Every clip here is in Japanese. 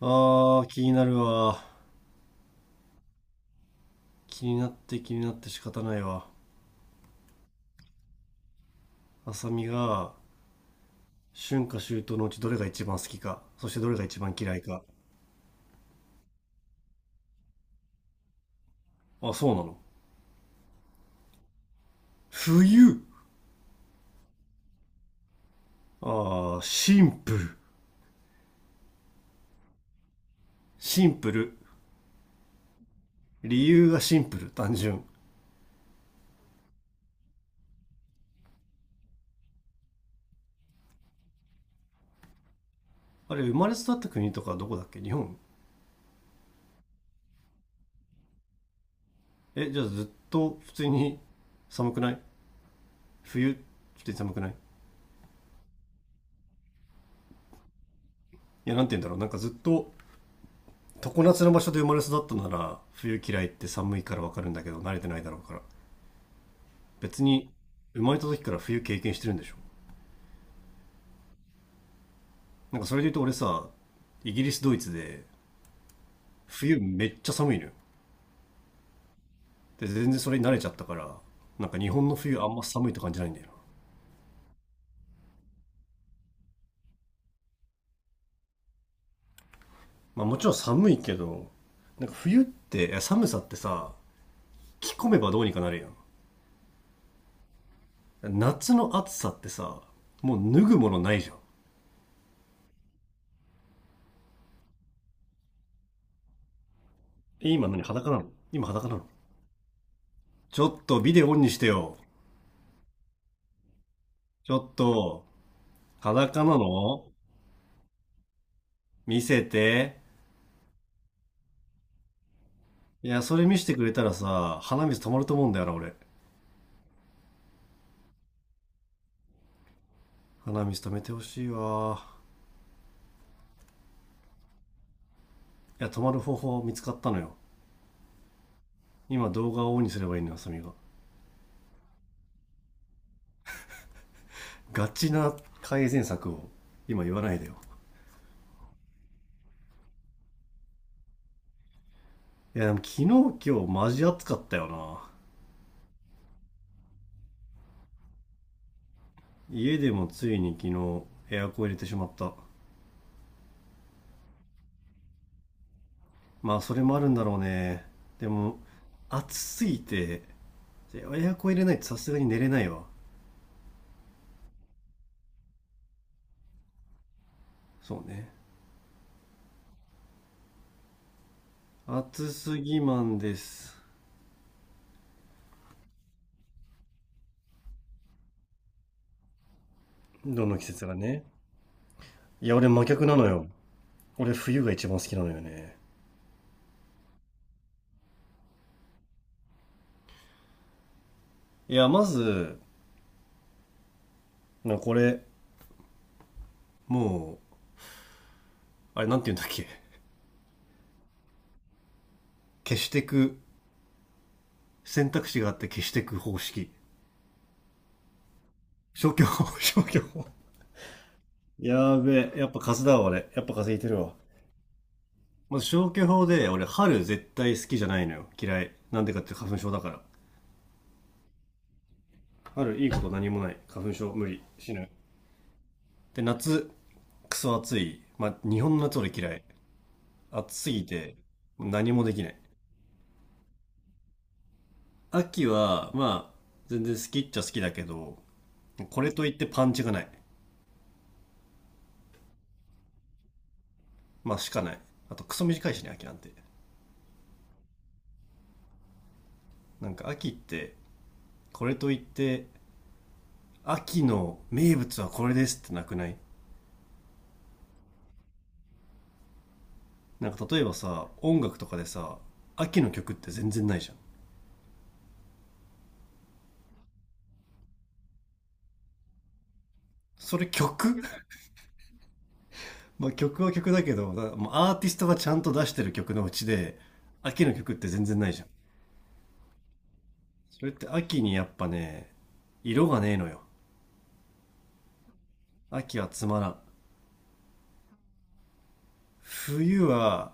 気になるわ。気になって気になって仕方ないわ。浅見が、春夏秋冬のうちどれが一番好きか、そしてどれが一番嫌いか。あ、そうなの。冬、シンプル。シンプル。理由がシンプル、単純。あれ、生まれ育った国とかどこだっけ、日本？え、じゃあずっと普通に寒くない？冬、普通に寒くない？いや、なんて言うんだろう。なんかずっと、常夏の場所で生まれ育ったなら、冬嫌いって寒いからわかるんだけど、慣れてないだろうから。別に生まれた時から冬経験してるんでしょ？なんかそれで言うと俺さ、イギリスドイツで冬めっちゃ寒いのよ。で、全然それに慣れちゃったから、なんか日本の冬あんま寒いって感じないんだよな。まあもちろん寒いけど、なんか冬っていや寒さってさ、着込めばどうにかなるやん。夏の暑さってさ、もう脱ぐものないじゃん。え、今何、裸なの？今裸なの？ちょっとビデオオンにしてよ。ちょっと、裸なの？見せて。いや、それ見せてくれたらさ、鼻水止まると思うんだよな、俺。鼻水止めてほしいわ。いや、止まる方法見つかったのよ。今動画をオンにすればいいのよ、サミが。ガチな改善策を今言わないでよ。いや、でも昨日今日マジ暑かったよな。家でもついに昨日エアコン入れてしまった。まあ、それもあるんだろうね。でも、暑すぎて、エアコン入れないとさすがに寝れないわ。そうね。暑すぎマンです。どの季節がね。いや、俺真逆なのよ。俺冬が一番好きなのよね。いや、まず、なこれ、もう、あれなんて言うんだっけ。消してく、選択肢があって消してく方式。消去法、消去法。やーべえ、やっぱ数だわ、俺。やっぱ風いてるわ。まず消去法で、俺春絶対好きじゃないのよ。嫌い。なんでかって花粉症だから。春いいこと何もない。花粉症無理。死ぬ。で、夏、クソ暑い。まあ、日本の夏俺嫌い。暑すぎて、何もできない。秋は、まあ、全然好きっちゃ好きだけど、これといってパンチがない。まあ、しかない。あと、クソ短いしね、秋なんて。なんか、秋って、これといって、秋の名物はこれですってなくない？なんか、例えばさ、音楽とかでさ、秋の曲って全然ないじゃん。それ曲？ まあ、曲は曲だけど、だもうアーティストがちゃんと出してる曲のうちで、秋の曲って全然ないじゃん。それって秋にやっぱね、色がねえのよ。秋はつまらん。冬は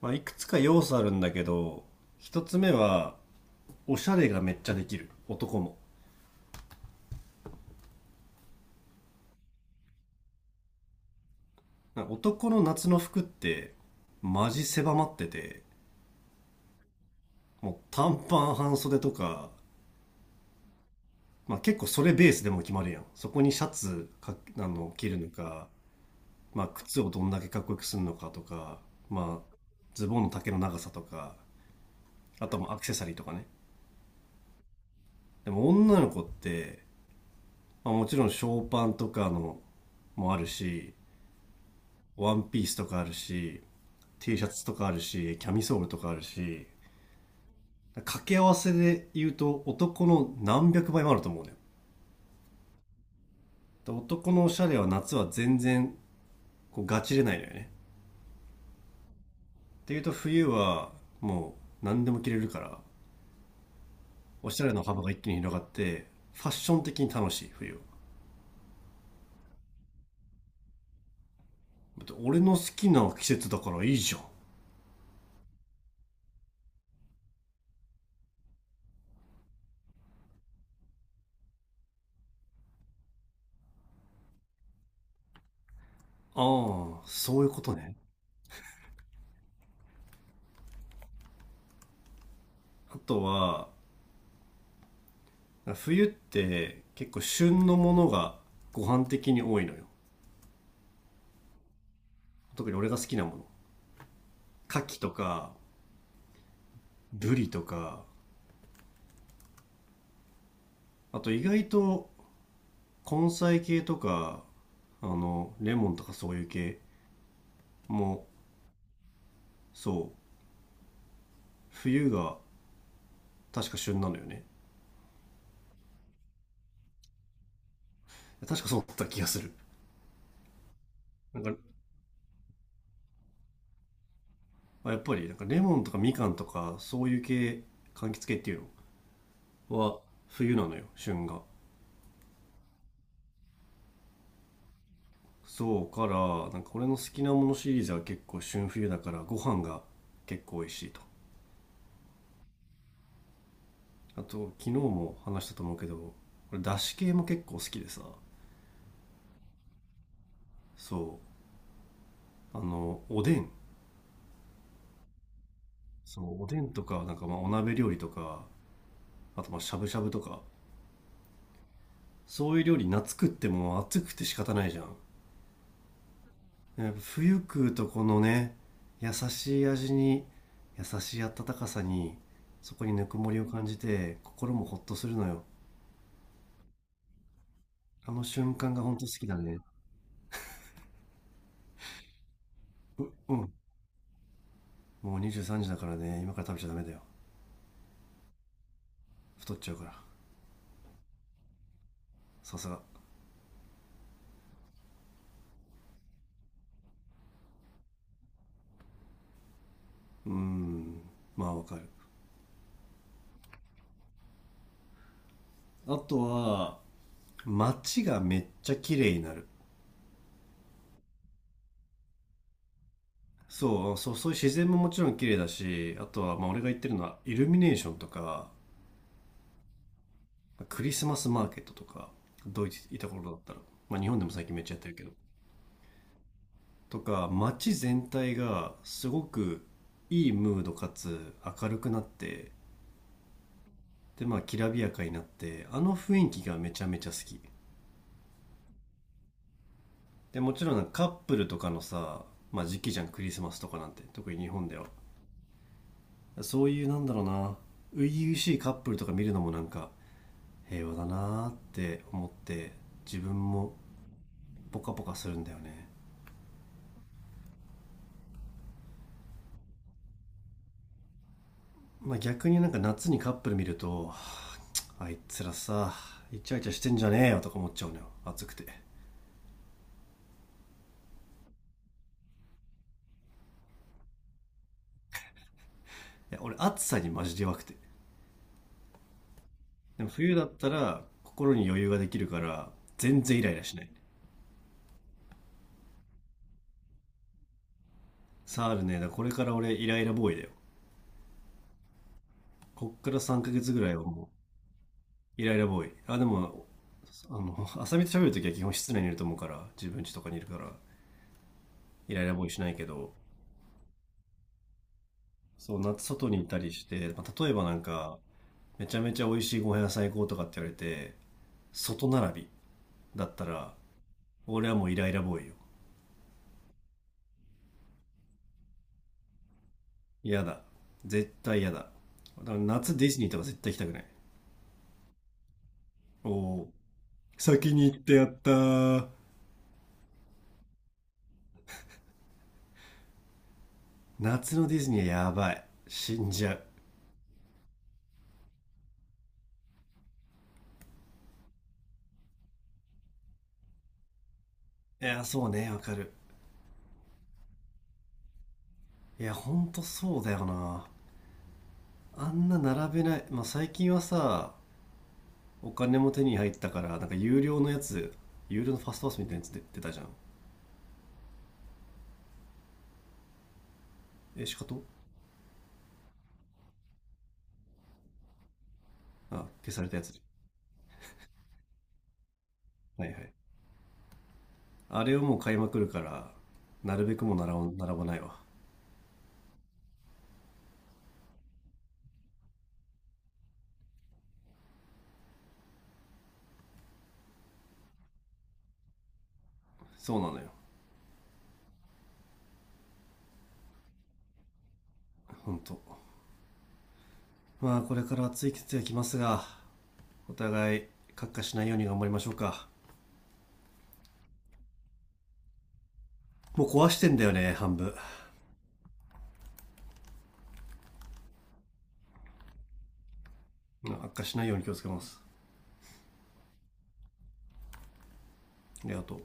まあ、いくつか要素あるんだけど、一つ目は、おしゃれがめっちゃできる。男も。なんか男の夏の服って、マジ狭まってて、もう短パン半袖とか、まあ結構それベースでも決まるやん。そこにシャツか、あの、着るのか、まあ靴をどんだけかっこよくするのかとか、まあ、ズボンの丈の長さとか、あとはもうアクセサリーとかね。でも女の子って、まあ、もちろんショーパンとかのもあるし、ワンピースとかあるし、T シャツとかあるし、キャミソールとかあるし、掛け合わせで言うと男の何百倍もあると思うのよ。男のおしゃれは夏は全然こうガチれないのよね。っていうと冬はもう何でも着れるから、おしゃれの幅が一気に広がって、ファッション的に楽しい、冬は。だって俺の好きな季節だからいいじゃん。ああ、そういうことね。あとは、冬って結構旬のものがご飯的に多いのよ。特に俺が好きなもの、牡蠣とかブリとか、あと意外と根菜系とか、あのレモンとかそういう系も、そう、冬が確か旬なのよね。確かそうだった気がする。なんかやっぱり、なんかレモンとかみかんとかそういう系、柑橘系っていうのは冬なのよ、旬が。そうから、なんか俺の好きなものシリーズは結構旬冬だから、ご飯が結構美味しいと。あと昨日も話したと思うけど、これだし系も結構好きでさ、そう、あのおでん、そうおでんとか、なんかまあお鍋料理とか、あとまあしゃぶしゃぶとか、そういう料理夏食っても暑くて仕方ないじゃん。やっぱ冬食うとこのね、優しい味に、優しい温かさに、そこにぬくもりを感じて心もほっとするのよ。あの瞬間がほんと好きだね。ううん、もう23時だからね、今から食べちゃダメだよ。太っちゃうから。さすが。うん、まあわかる。あとは街がめっちゃ綺麗になる。そうそう、そういう自然ももちろん綺麗だし、あとはまあ俺が言ってるのはイルミネーションとか、クリスマスマーケットとか、ドイツいた頃だったら、まあ、日本でも最近めっちゃやってるけど、とか街全体がすごくいいムードかつ明るくなって、でまあきらびやかになって、あの雰囲気がめちゃめちゃ好き。でもちろんなんかカップルとかのさ、まあ、時期じゃんクリスマスとかなんて特に日本では。そういうなんだろうな、初々しいカップルとか見るのもなんか平和だなって思って、自分もポカポカするんだよね。まあ、逆になんか夏にカップル見ると、あいつらさ、イチャイチャしてんじゃねえよとか思っちゃうのよ、暑くて。いや俺暑さにマジで弱くて、でも冬だったら心に余裕ができるから、全然イライラしない。サールねだからこれから俺イライラボーイだよ。こっから3ヶ月ぐらいはもうイライラボーイ。あ、でも、あの、浅見と喋るときは基本室内にいると思うから、自分家とかにいるから、イライラボーイしないけど、そう、夏外にいたりして、まあ、例えばなんか、めちゃめちゃ美味しいご飯屋さん行こうとかって言われて、外並びだったら、俺はもうイライラボーイよ。嫌だ。絶対嫌だ。だから夏ディズニーとか絶対行きたくない。おお、先に行ってやったー。夏のディズニーはやばい。死んじゃう。いや、そうね、わかる。いや、ほんとそうだよな。あんな並べない。まあ、最近はさ、お金も手に入ったから、なんか有料のやつ、有料のファストパスみたいなやつで出たじゃん。えしかと。あ、消されたやつ。はいはい、あれをもう買いまくるから、なるべくもう並ばないわ。そうなのよ。ほんと。まあこれから暑い季節が来ますが、お互い悪化しないように頑張りましょうか。もう壊してんだよね、半分。うん、悪化しないように気をつけます。でありがとう。